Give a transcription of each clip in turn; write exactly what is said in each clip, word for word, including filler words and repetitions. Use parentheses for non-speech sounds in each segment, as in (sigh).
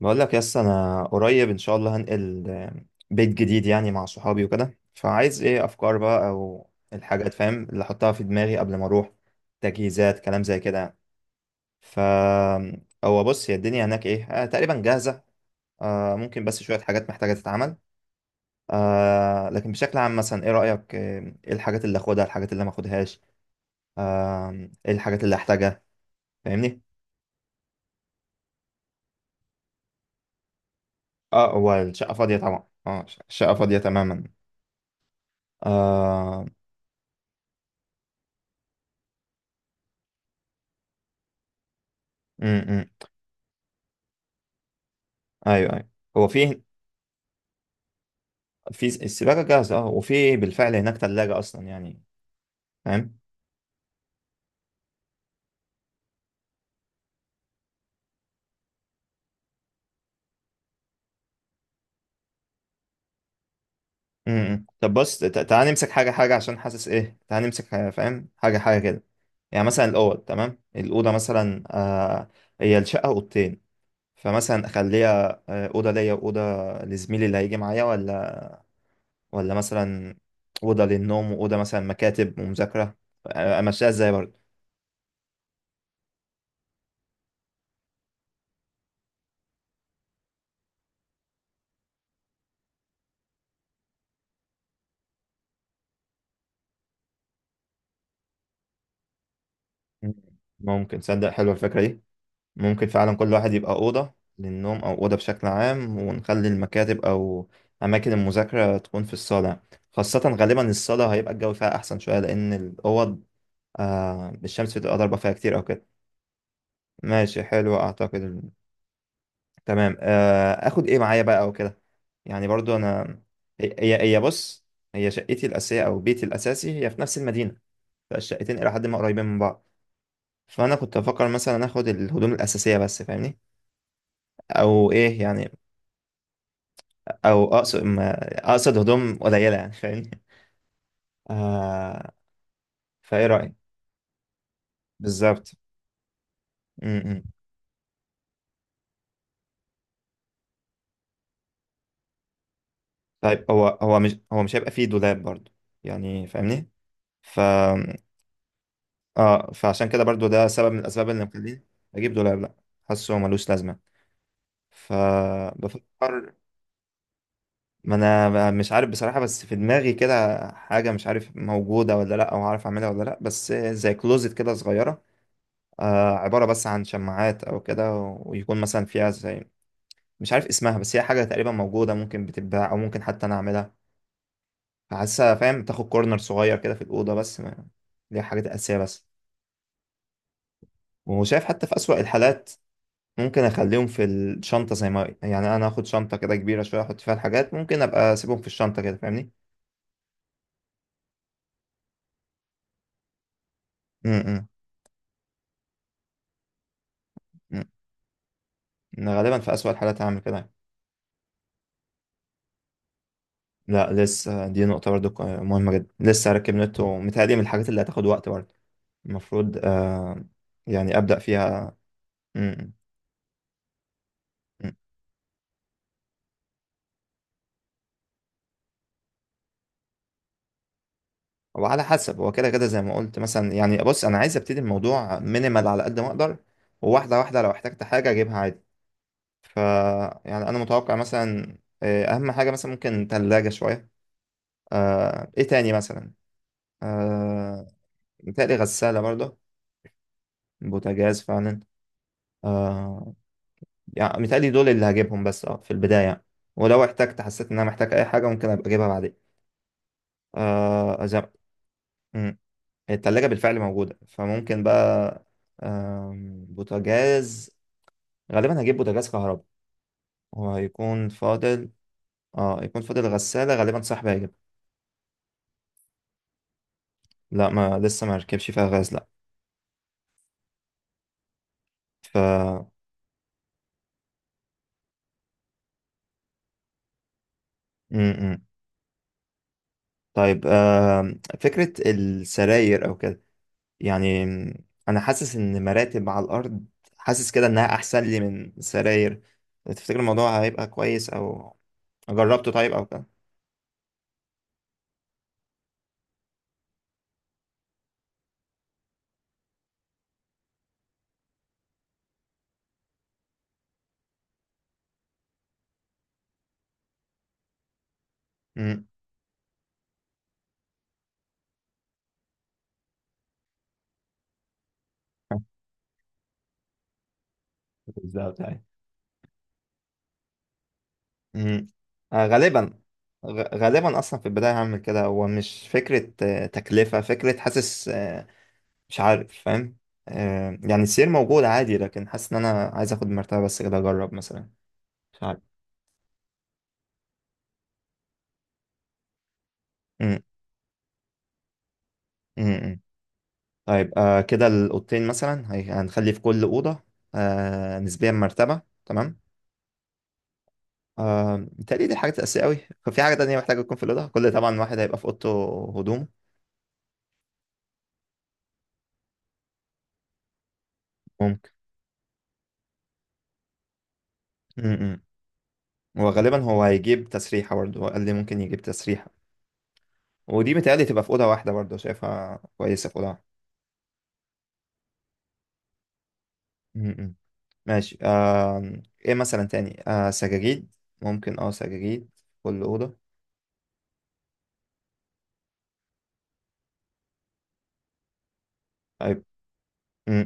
بقول لك يس انا قريب ان شاء الله هنقل آه، بيت جديد، يعني مع صحابي وكده. فعايز ايه؟ افكار بقى او الحاجات، فاهم، اللي احطها في دماغي قبل ما اروح. تجهيزات، كلام زي كده. ف هو بص، هي الدنيا هناك ايه؟ آه تقريبا جاهزة. آه، ممكن بس شوية حاجات محتاجة تتعمل. آه، لكن بشكل عام مثلا ايه رأيك؟ آه، ايه الحاجات اللي اخدها، الحاجات اللي ما اخدهاش، آه ايه الحاجات اللي احتاجها؟ فاهمني؟ اه، هو الشقة فاضية طبعا. اه، الشقة فاضية تماما. آه. م- م- ايوه ايوه. هو في في السباكه جاهزه اه، وفي بالفعل هناك ثلاجه اصلا، يعني. فاهم. امم. إمم. طب بص، ت- تعال نمسك حاجه حاجه عشان حاسس ايه. تعال نمسك حاجة، فاهم، حاجه حاجه كده. يعني مثلا الاوض تمام، الاوضه مثلا آه، هي الشقه اوضتين. فمثلا اخليها آه، اوضه ليا واوضه لزميلي اللي هيجي معايا، ولا ولا مثلا اوضه للنوم واوضه مثلا مكاتب ومذاكره. آه، امشيها ازاي برضه؟ مم. ممكن، تصدق حلوه الفكره دي. ممكن فعلا كل واحد يبقى أوضة للنوم أو أوضة بشكل عام، ونخلي المكاتب أو أماكن المذاكرة تكون في الصالة، خاصة غالبا الصالة هيبقى الجو فيها أحسن شوية، لأن الأوض آه الشمس بتبقى ضاربة فيها كتير أو كده. ماشي، حلو، أعتقد تمام. آه، آخد إيه معايا بقى أو كده؟ يعني برضو أنا، هي هي هي بص، هي شقتي الأساسية أو بيتي الأساسي هي في نفس المدينة. فالشقتين إلى حد ما قريبين من بعض. فأنا كنت أفكر مثلا آخد الهدوم الأساسية بس، فاهمني؟ أو إيه يعني؟ او اقصد ما- اقصد هدوم قليله يعني، فاهمني؟ آه، فايه رايك؟ بالظبط. م- م. طيب، هو هو مش هو مش هيبقى فيه دولاب برضو، يعني فاهمني؟ ف اه، فعشان كده برضو ده سبب من الاسباب اللي مخليني اجيب دولاب، لا. حاسه هو ملوش لازمه. فبفكر، ما انا مش عارف بصراحه. بس في دماغي كده حاجه، مش عارف موجوده ولا لا، او عارف اعملها ولا لا، بس زي كلوزت كده صغيره. آه، عباره بس عن شماعات او كده، ويكون مثلا فيها زي، مش عارف اسمها، بس هي حاجة تقريبا موجودة، ممكن بتتباع أو ممكن حتى أنا أعملها. فحاسسها، فاهم، تاخد كورنر صغير كده في الأوضة، بس ما دي حاجات أساسية بس. وشايف حتى في أسوأ الحالات ممكن أخليهم في الشنطة، زي ما، يعني أنا هاخد شنطة كده كبيرة شوية أحط فيها الحاجات، ممكن أبقى أسيبهم في الشنطة كده، فاهمني؟ امم. أنا غالبا في أسوأ الحالات هعمل كده. لا، لسه. دي نقطة برضو ك- مهمة جدا. لسه هركب نت، ومتهيألي من الحاجات اللي هتاخد وقت برضو. المفروض آه، يعني أبدأ فيها. م- م. هو على حسب. هو كده كده زي ما قلت مثلا، يعني بص انا عايز ابتدي الموضوع مينيمال على قد ما اقدر، وواحده واحده لو احتجت حاجه اجيبها عادي. ف يعني انا متوقع مثلا آه، اهم حاجه مثلا ممكن ثلاجه شويه. آه، ايه تاني مثلا؟ آه، متهيألي غساله برضه، بوتاجاز فعلا. آه، يعني متهيألي دول اللي هجيبهم بس اه في البدايه يعني. ولو احتجت، حسيت ان انا محتاج اي حاجه، ممكن ابقى اجيبها بعدين. آه، زي التلاجة بالفعل موجودة، فممكن بقى آم، بوتاجاز. غالبا هجيب بوتاجاز كهرباء، وهيكون فاضل. اه، يكون فاضل غسالة غالبا صاحبي هيجيب. لا، ما لسه ما ركبش فيها غاز، لا. ف م- م. طيب آم، فكرة السراير او كده، يعني م، انا حاسس ان مراتب على الارض حاسس كده انها احسن لي من سراير. تفتكر الموضوع هيبقى كويس او جربته طيب او كده؟ م. (laughs) بالظبط. مم. آه، غالبا، غ- غالبا اصلا في البدايه هعمل كده. هو مش فكره آه، تكلفه فكره، حاسس آه، مش عارف، فاهم؟ آه، يعني السير موجود عادي، لكن حاسس ان انا عايز اخد مرتبه بس كده اجرب مثلا. مش عارف. مم. مم. مم. طيب آه، كده الاوضتين مثلا هي- هنخلي في كل اوضه آه، نسبيا مرتبه، تمام. آه، متهيألي دي حاجة أساسية أوي. في حاجة تانية محتاجة تكون في الأوضة؟ كل طبعا واحد هيبقى في أوضته. هدوم. ممكن. م- م. وغالبا هو هيجيب تسريحة برضه، هو قال لي ممكن يجيب تسريحة. ودي متهيألي تبقى في أوضة واحدة برضه، شايفها كويسة في أوضة واحدة. م- م. ماشي. آه، إيه مثلا تاني؟ آه، سجاجيد. ممكن أه سجاجيد، كل أوضة. طيب. م.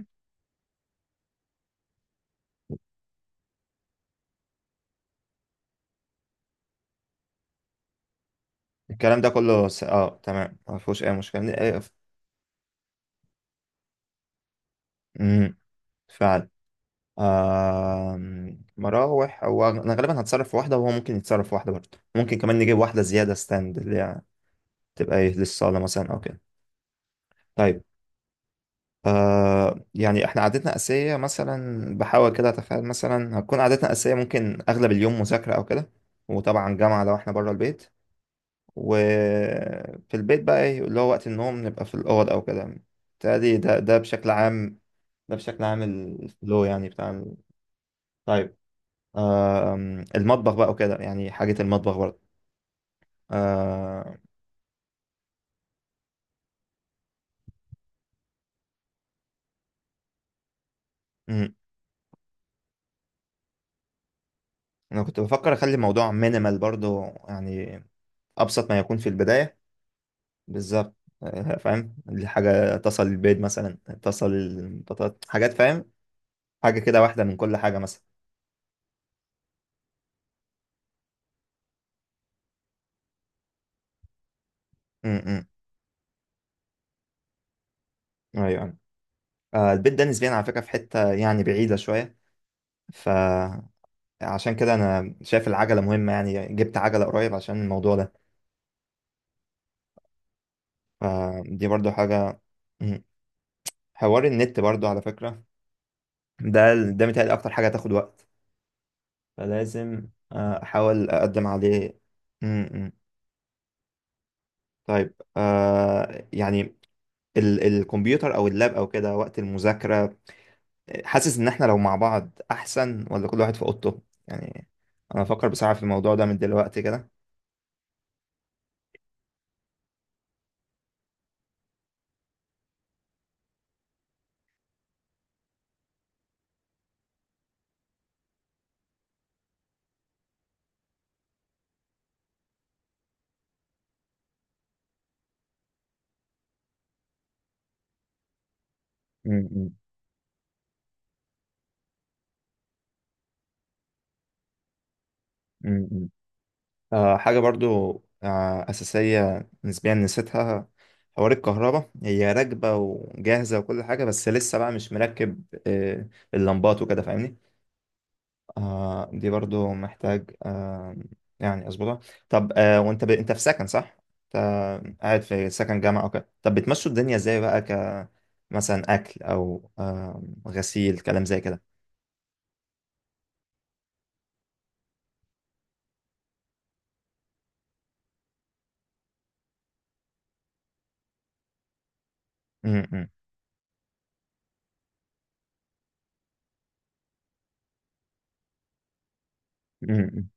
الكلام ده كله س أه تمام، مفهوش أي مشكلة. إيه ف م. فعلا. آه، مراوح. هو أنا غالبا هتصرف في واحدة وهو ممكن يتصرف في واحدة برضه، ممكن كمان نجيب واحدة زيادة ستاند، اللي هي تبقى إيه، للصالة مثلا أو كده. طيب. آه، يعني احنا عادتنا أساسية مثلا، بحاول كده أتخيل مثلا هتكون عادتنا أساسية. ممكن أغلب اليوم مذاكرة أو كده، وطبعا جامعة لو احنا بره البيت. وفي البيت بقى إيه اللي هو وقت النوم نبقى في الأوض أو كده. تادي ده ده بشكل عام. ده بشكل عام الفلو يعني بتاع ال- طيب آم، المطبخ بقى وكده. يعني حاجة المطبخ برضه آه. مم. أنا كنت بفكر أخلي الموضوع مينيمال برضه يعني، أبسط ما يكون في البداية. بالظبط. آه، فاهم، دي حاجة تصل البيض مثلا، تصل البطاط، حاجات فاهم، حاجة كده واحدة من كل حاجة مثلا. امم. ايوه. آه، البيت ده نسبيا على فكرة في حتة يعني بعيدة شوية. فعشان كده أنا شايف العجلة مهمة، يعني جبت عجلة قريب عشان الموضوع ده. فدي برضو حاجة. مم. حوار النت برضو على فكرة، ده ده متهيألي أكتر حاجة هتاخد وقت. فلازم آه، أحاول أقدم عليه. امم. طيب آه، يعني ال الكمبيوتر او اللاب او كده وقت المذاكره، حاسس ان احنا لو مع بعض احسن، ولا كل واحد في اوضته؟ يعني انا بفكر بصراحه في الموضوع ده من دلوقتي كده. م- م- م- م. آه، حاجه برضو آه اساسيه نسبيا نسيتها، حوار الكهرباء. هي راكبه وجاهزه وكل حاجه، بس لسه بقى مش مركب آه اللمبات وكده، فاهمني؟ آه، دي برضو محتاج آه، يعني اظبطها. طب آه، وانت ب انت في سكن صح؟ انت قاعد في سكن جامعة او كده. طب بتمشوا الدنيا ازاي بقى ك مثلا اكل او آه غسيل، كلام زي كده؟ م- م- م-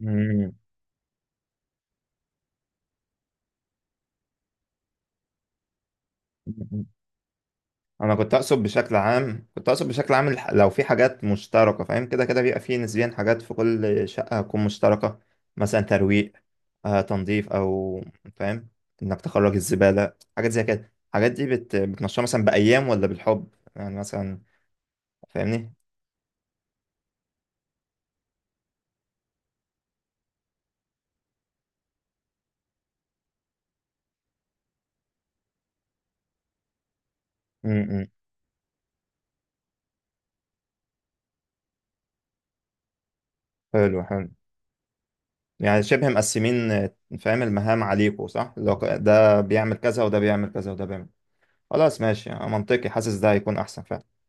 م- م- م- انا كنت اقصد بشكل عام، كنت اقصد بشكل عام الح- لو في حاجات مشتركه، فاهم؟ كده كده بيبقى في نسبيا حاجات في كل شقه هتكون مشتركه. مثلا ترويق، آه، تنظيف او، فاهم، انك تخرج الزباله، حاجات زي كده. الحاجات دي بت بتنشرها مثلا بايام ولا بالحب يعني مثلا؟ فاهمني؟ امم. إمم. حلو، حلو. يعني شبه مقسمين آه، فاهم، المهام عليكوا صح؟ لو ك- ده بيعمل كذا، وده بيعمل كذا، وده بيعمل. خلاص ماشي، يعني منطقي. حاسس ده هيكون احسن فعلا.